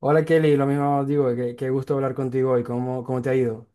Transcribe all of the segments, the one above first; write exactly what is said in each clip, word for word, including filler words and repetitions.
Hola Kelly, lo mismo digo, qué, qué gusto hablar contigo hoy, ¿cómo, cómo te ha ido?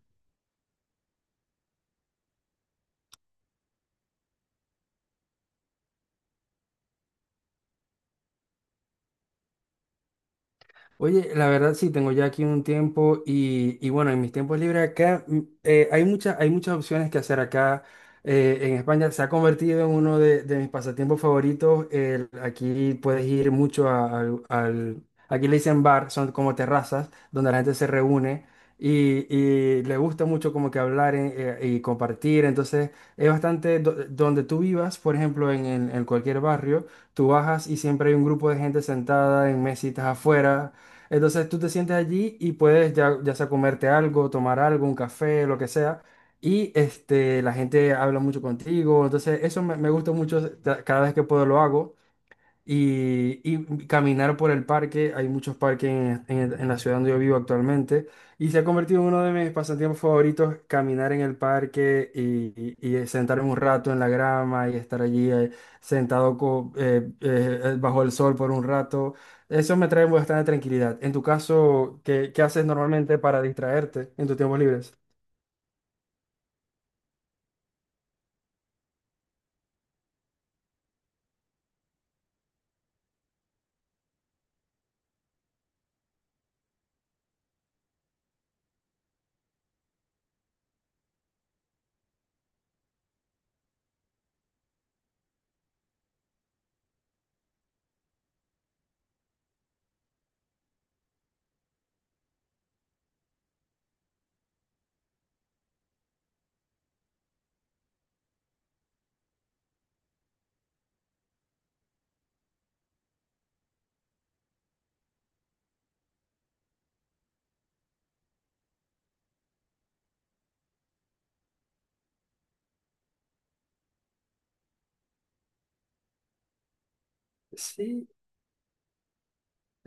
Oye, la verdad sí, tengo ya aquí un tiempo y, y bueno, en mis tiempos libres acá mm, eh, hay muchas, hay muchas opciones que hacer acá, eh, en España. Se ha convertido en uno de, de mis pasatiempos favoritos. El- aquí puedes ir mucho a- al, al- aquí le dicen bar, son como terrazas donde la gente se reúne y, y le gusta mucho como que hablar, en- eh, y compartir. Entonces es bastante, do- donde tú vivas, por ejemplo, en en- en cualquier barrio, tú bajas y siempre hay un grupo de gente sentada en mesitas afuera, entonces tú te sientes allí y puedes, ya, ya sea comerte algo, tomar algo, un café, lo que sea. Y este, la gente habla mucho contigo. Entonces eso me, me gusta mucho. ta- Cada vez que puedo lo hago y, y caminar por el parque. Hay muchos parques en, en- en la ciudad donde yo vivo actualmente y se ha convertido en uno de mis pasatiempos favoritos, caminar en el parque y, y- y sentarme un rato en la grama y estar allí, eh, sentado co- eh, eh, bajo el sol por un rato. Eso me trae bastante tranquilidad. En tu caso, ¿qué, qué haces normalmente para distraerte en tus tiempos libres? Sí.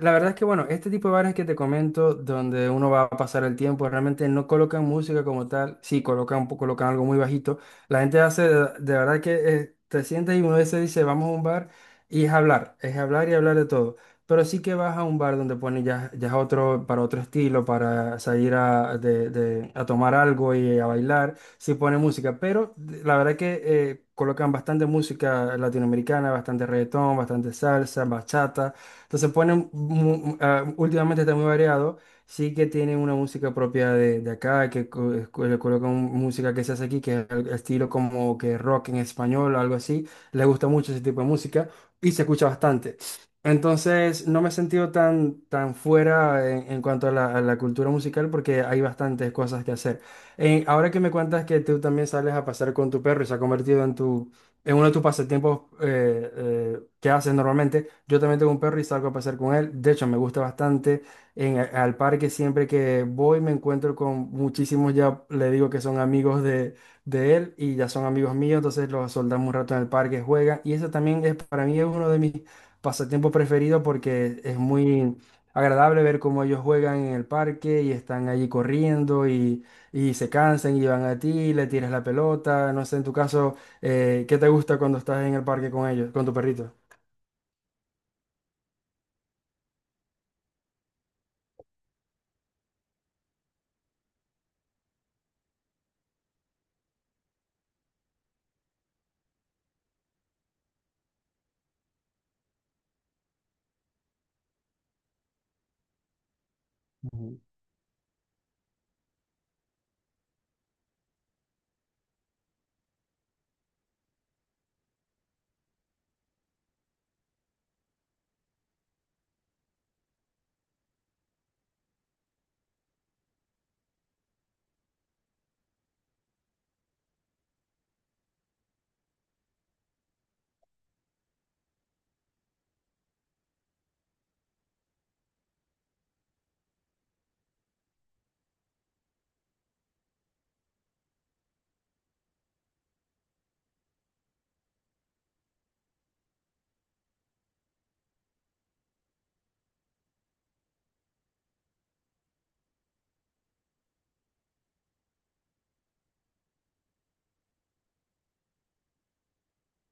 La verdad es que, bueno, este tipo de bares que te comento, donde uno va a pasar el tiempo, realmente no colocan música como tal, sí, colocan, colocan algo muy bajito. La gente hace, de, de verdad que, eh, te sientes y uno se dice, vamos a un bar, y es hablar, es hablar y hablar de todo. Pero sí que vas a un bar donde pone, ya, ya es otro, para otro estilo, para salir a, de- de- a tomar algo y a bailar, sí pone música, pero de- la verdad que, eh, colocan bastante música latinoamericana, bastante reggaetón, bastante salsa, bachata. Entonces ponen, mu- ah, últimamente está muy variado, sí que tienen una música propia de, de acá, que co- es- co- le colocan música que se hace aquí, que es el estilo como que rock en español o algo así, le gusta mucho ese tipo de música y se escucha bastante. Entonces no me he sentido tan, tan fuera en, en cuanto a la, a la cultura musical porque hay bastantes cosas que hacer. Eh, ahora que me cuentas que tú también sales a pasar con tu perro y se ha convertido en tu... en uno de tus pasatiempos, eh, eh, que haces normalmente. Yo también tengo un perro y salgo a pasar con él. De hecho, me gusta bastante. En, al parque siempre que voy me encuentro con muchísimos, ya le digo que son amigos de, de él y ya son amigos míos. Entonces los soldamos un rato en el parque, juegan. Y eso también, es para mí, es uno de mis pasatiempos preferidos porque es muy agradable ver cómo ellos juegan en el parque y están allí corriendo y, y se cansan y van a ti, le tiras la pelota. No sé, en tu caso, eh, ¿qué te gusta cuando estás en el parque con ellos, con tu perrito?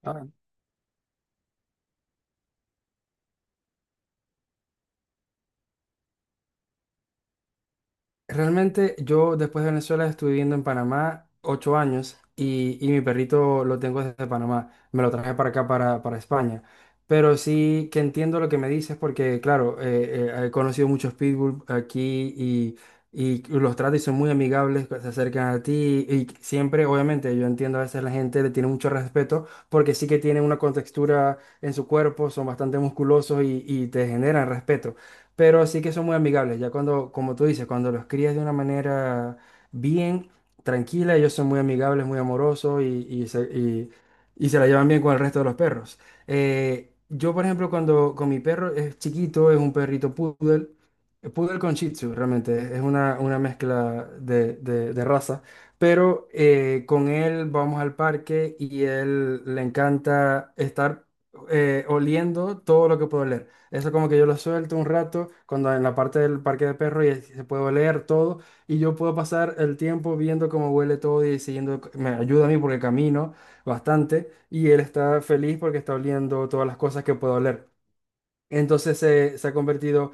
Ujú. Realmente yo después de Venezuela estuve viviendo en Panamá ocho años y, y mi perrito lo tengo desde Panamá. Me lo traje para acá, para, para España. Pero sí que entiendo lo que me dices porque, claro, eh, eh, he conocido muchos pitbull aquí y, y los tratos son muy amigables, se acercan a ti y siempre, obviamente, yo entiendo a veces la gente le tiene mucho respeto porque sí que tienen una contextura en su cuerpo, son bastante musculosos y, y te generan respeto, pero sí que son muy amigables. Ya cuando, como tú dices, cuando los crías de una manera bien, tranquila, ellos son muy amigables, muy amorosos y, y se, y- y se la llevan bien con el resto de los perros. Eh, yo, por ejemplo, cuando con mi perro es chiquito, es un perrito poodle, eh, poodle con Shih Tzu, realmente es una, una mezcla de, de- de raza. Pero, eh, con él vamos al parque y él le encanta estar, eh, oliendo todo lo que puede oler. Eso como que yo lo suelto un rato cuando en la parte del parque de perros y se puede oler todo y yo puedo pasar el tiempo viendo cómo huele todo y siguiendo, me ayuda a mí porque camino bastante y él está feliz porque está oliendo todas las cosas que puedo oler. Entonces se, se ha convertido.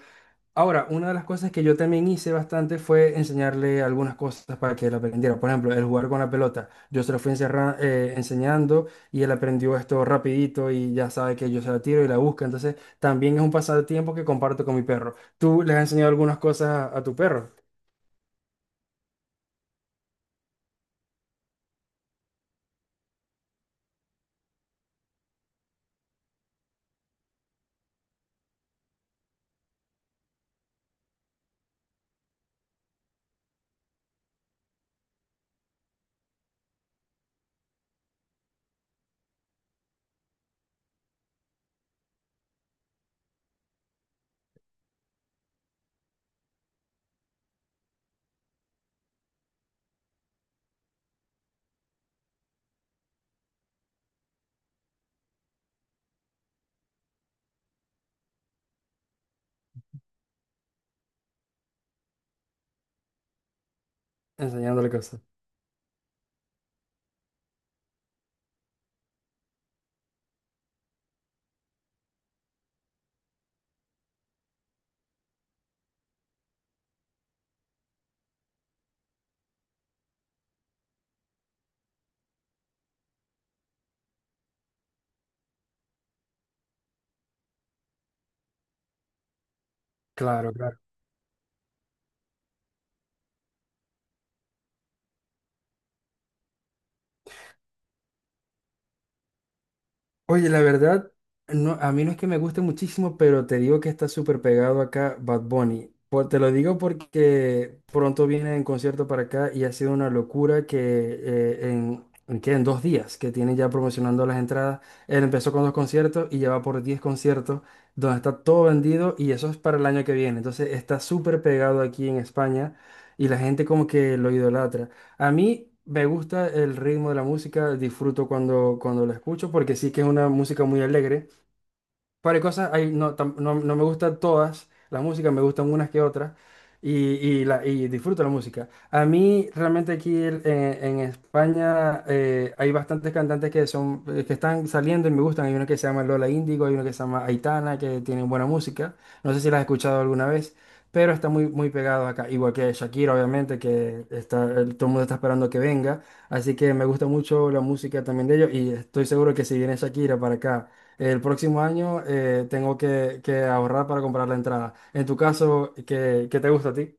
Ahora, una de las cosas que yo también hice bastante fue enseñarle algunas cosas para que él aprendiera. Por ejemplo, el jugar con la pelota. Yo se lo fui encerra- eh, enseñando y él aprendió esto rapidito y ya sabe que yo se la tiro y la busca. Entonces, también es un pasatiempo que comparto con mi perro. ¿Tú le has enseñado algunas cosas a, a tu perro? Enseñándole cosas. Claro, claro. Oye, la verdad, no, a mí no es que me guste muchísimo, pero te digo que está súper pegado acá Bad Bunny. Por- te lo digo porque pronto viene en concierto para acá y ha sido una locura que, eh, en, ¿en qué? En dos días que tienen ya promocionando las entradas. Él empezó con dos conciertos y ya va por diez conciertos donde está todo vendido y eso es para el año que viene. Entonces está súper pegado aquí en España y la gente como que lo idolatra. A mí me gusta el ritmo de la música, disfruto cuando, cuando lo escucho porque sí que es una música muy alegre. Par de cosas, hay, no, tam- no, no me gustan todas las músicas, me gustan unas que otras y, y, la, y disfruto la música. A mí realmente aquí, el- en, en España, eh, hay bastantes cantantes que son, eh, que están saliendo y me gustan. Hay una que se llama Lola Índigo, hay una que se llama Aitana, que tienen buena música. No sé si las has escuchado alguna vez, pero está muy, muy pegado acá. Igual que Shakira, obviamente, que está, el- todo el mundo está esperando que venga. Así que me gusta mucho la música también de ellos y estoy seguro que si viene Shakira para acá el próximo año, eh, tengo que, que ahorrar para comprar la entrada. En tu caso, ¿qué, qué te gusta a ti?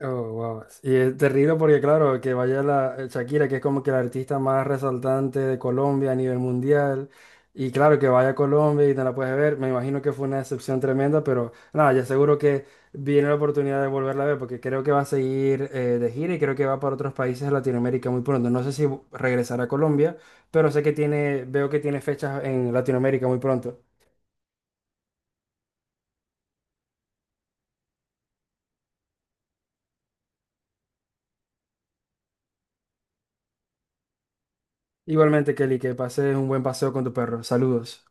Oh, wow. Y es terrible porque, claro, que vaya la, eh, Shakira, que es como que la artista más resaltante de Colombia a nivel mundial. Y claro, que vaya a Colombia y no la puedes ver. Me imagino que fue una decepción tremenda, pero nada, ya seguro que viene la oportunidad de volverla a ver porque creo que va a seguir, eh, de gira y creo que va para otros países de Latinoamérica muy pronto. No sé si regresará a Colombia, pero sé que tiene, veo que tiene fechas en Latinoamérica muy pronto. Igualmente, Kelly, que pases un buen paseo con tu perro. Saludos.